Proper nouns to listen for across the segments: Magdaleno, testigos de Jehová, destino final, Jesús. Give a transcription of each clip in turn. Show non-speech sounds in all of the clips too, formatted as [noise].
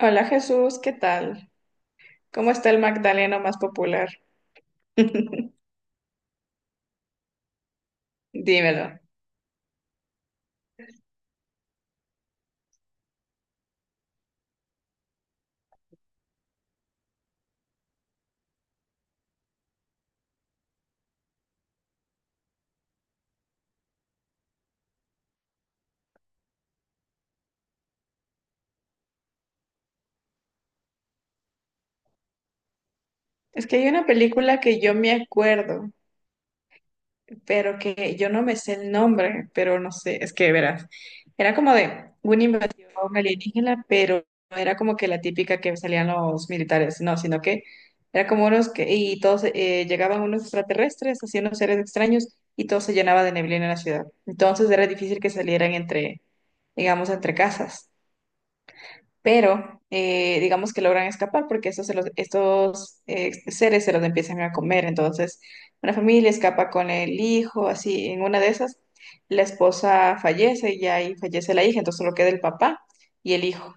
Hola Jesús, ¿qué tal? ¿Cómo está el Magdaleno más popular? [laughs] Dímelo. Es que hay una película que yo me acuerdo, pero que yo no me sé el nombre, pero no sé, es que verás, era como de una invasión alienígena, pero no era como que la típica que salían los militares, no, sino que era como unos que, y todos llegaban unos extraterrestres, haciendo seres extraños, y todo se llenaba de neblina en la ciudad. Entonces era difícil que salieran entre, digamos, entre casas. Pero digamos que logran escapar porque estos seres se los empiezan a comer. Entonces, una familia escapa con el hijo, así, en una de esas, la esposa fallece y ahí fallece la hija, entonces solo queda el papá y el hijo.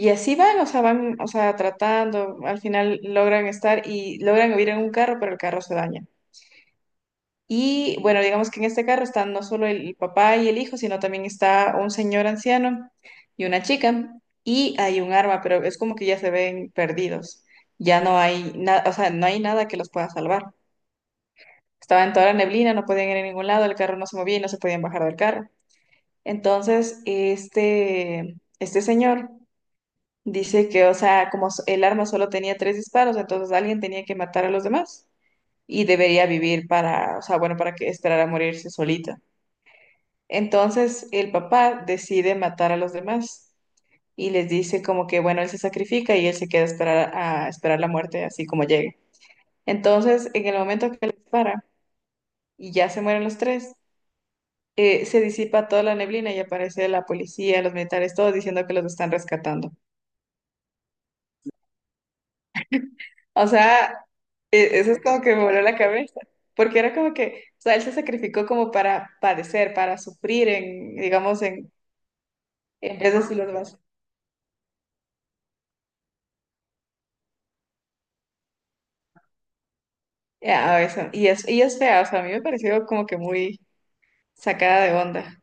Y así van, o sea, tratando, al final logran estar y logran huir en un carro, pero el carro se daña. Y bueno, digamos que en este carro están no solo el papá y el hijo, sino también está un señor anciano y una chica. Y hay un arma, pero es como que ya se ven perdidos. Ya no hay nada, o sea, no hay nada que los pueda salvar. Estaba en toda la neblina, no podían ir a ningún lado, el carro no se movía y no se podían bajar del carro. Entonces, este señor dice que, o sea, como el arma solo tenía tres disparos, entonces alguien tenía que matar a los demás y debería vivir para, o sea, bueno, para que esperara a morirse solito. Entonces el papá decide matar a los demás y les dice como que, bueno, él se sacrifica y él se queda a esperar la muerte así como llegue. Entonces, en el momento que le dispara y ya se mueren los tres, se disipa toda la neblina y aparece la policía, los militares, todos diciendo que los están rescatando. O sea, eso es como que me voló la cabeza, porque era como que, o sea, él se sacrificó como para padecer, para sufrir en, digamos, en, vez de si los. Ya, y es fea, o sea, a mí me pareció como que muy sacada de onda.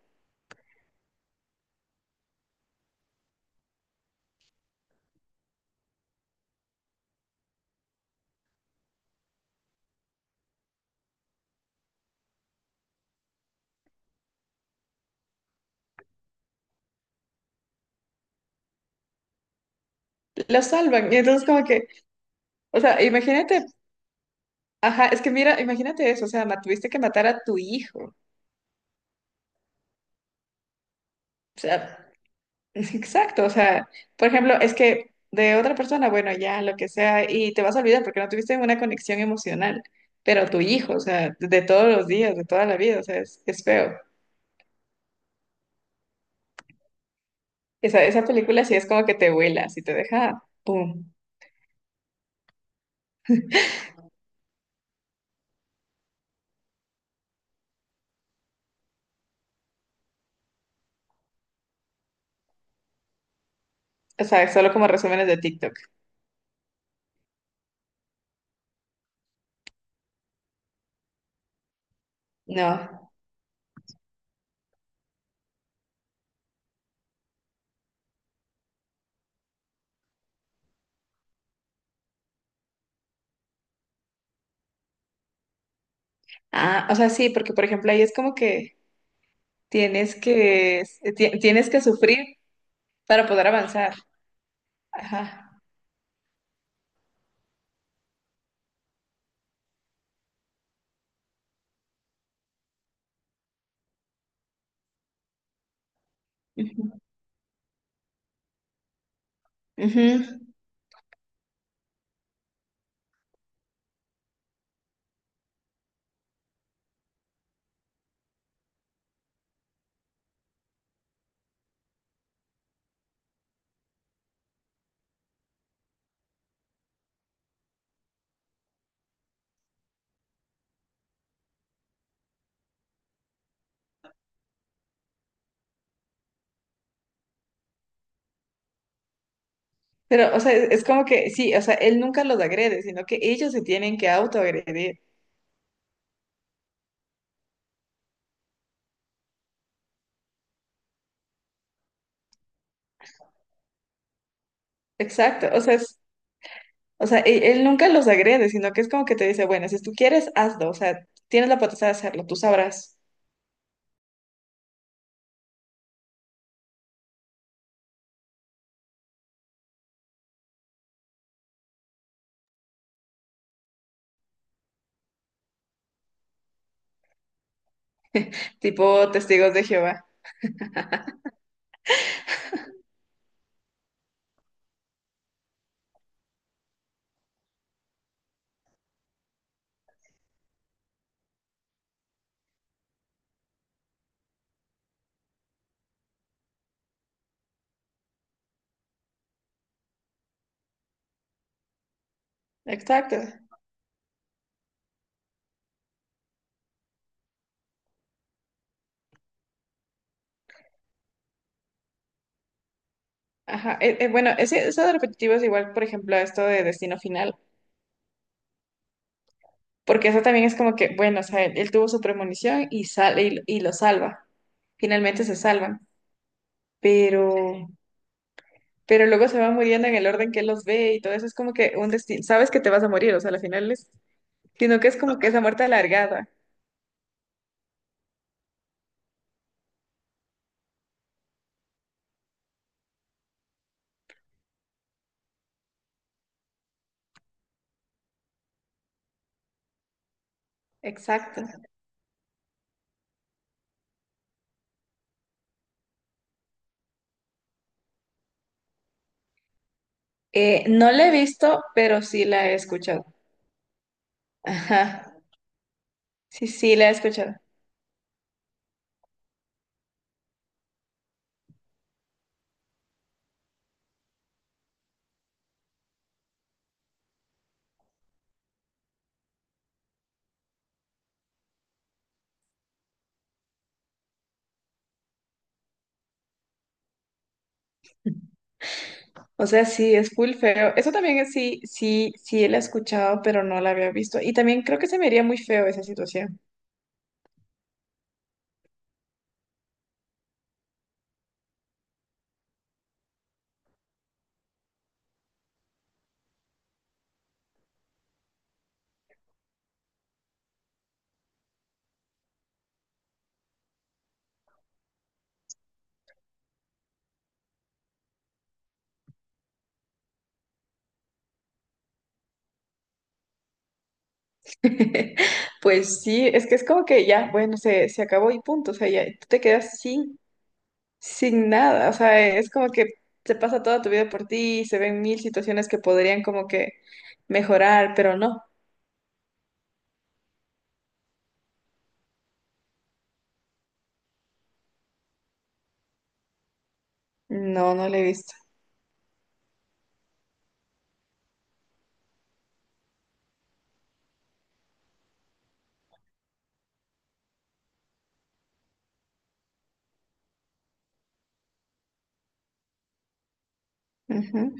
Lo salvan, y entonces como que, o sea, imagínate, ajá, es que mira, imagínate eso, o sea, tuviste que matar a tu hijo, o sea, [laughs] exacto, o sea, por ejemplo, es que de otra persona, bueno, ya, lo que sea, y te vas a olvidar porque no tuviste una conexión emocional, pero tu hijo, o sea, de todos los días, de toda la vida, o sea, es feo. Esa película sí es como que te vuela, sí te deja, pum, o sea, solo como resúmenes de TikTok. No. Ah, o sea, sí, porque por ejemplo ahí es como que tienes que sufrir para poder avanzar. Ajá. Ujú. Ujú. Pero, o sea, es como que, sí, o sea, él nunca los agrede, sino que ellos se tienen que autoagredir. Exacto, o sea, o sea, él nunca los agrede, sino que es como que te dice, bueno, si tú quieres, hazlo, o sea, tienes la potestad de hacerlo, tú sabrás. Tipo testigos de Jehová. Exacto. Ajá. Bueno, eso de repetitivo es igual, por ejemplo, a esto de destino final. Porque eso también es como que, bueno, o sea, él tuvo su premonición y sale y lo salva. Finalmente se salvan, pero, pero luego se van muriendo en el orden que él los ve y todo eso es como que un destino, sabes que te vas a morir, o sea, al final es, sino que es como que esa muerte alargada. Exacto. No la he visto, pero sí la he escuchado. Ajá. Sí, sí, la he escuchado. O sea, sí, es full feo. Eso también es sí, sí, sí la he escuchado, pero no la había visto. Y también creo que se me haría muy feo esa situación. [laughs] Pues sí, es que es como que ya, bueno, se acabó y punto, o sea, ya tú te quedas sin, nada, o sea, es como que se pasa toda tu vida por ti y se ven mil situaciones que podrían como que mejorar, pero no, no, no lo he visto. Ujú.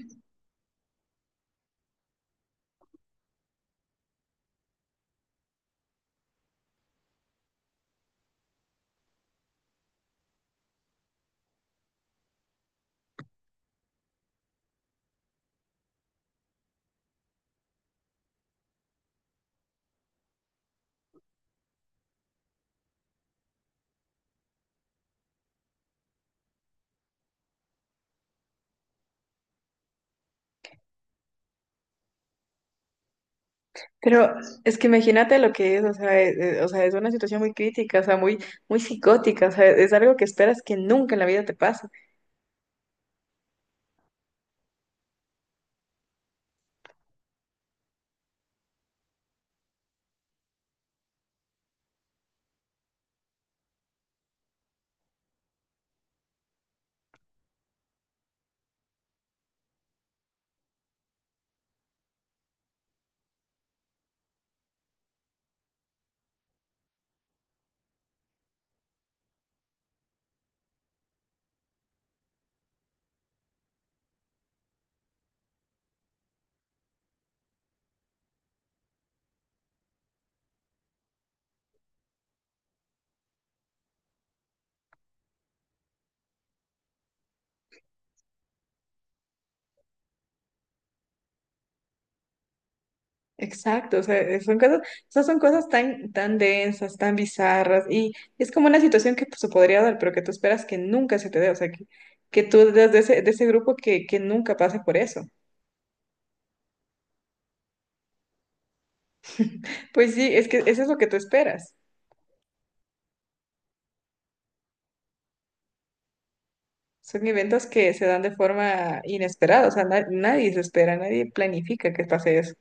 Pero es que imagínate lo que es, o sea, es una situación muy crítica, o sea, muy, muy psicótica, o sea, es algo que esperas que nunca en la vida te pase. Exacto, o sea, son cosas, esas son cosas tan, tan densas, tan bizarras, y es como una situación que pues, se podría dar, pero que tú esperas que nunca se te dé, o sea, que tú eres de ese, grupo que nunca pasa por eso. Pues sí, es que eso es lo que tú esperas. Son eventos que se dan de forma inesperada, o sea, nadie se espera, nadie planifica que pase eso.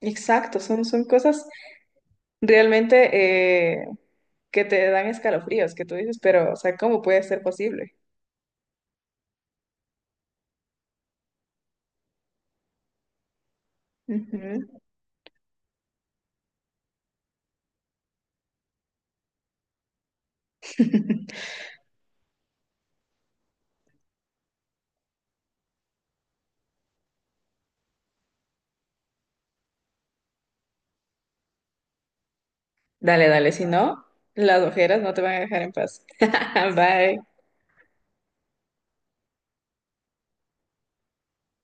Exacto, son cosas realmente que te dan escalofríos, que tú dices, pero, o sea, ¿cómo puede ser posible? Ujú. [laughs] Dale, dale, si no, las ojeras no te van a dejar en paz. [laughs] Bye.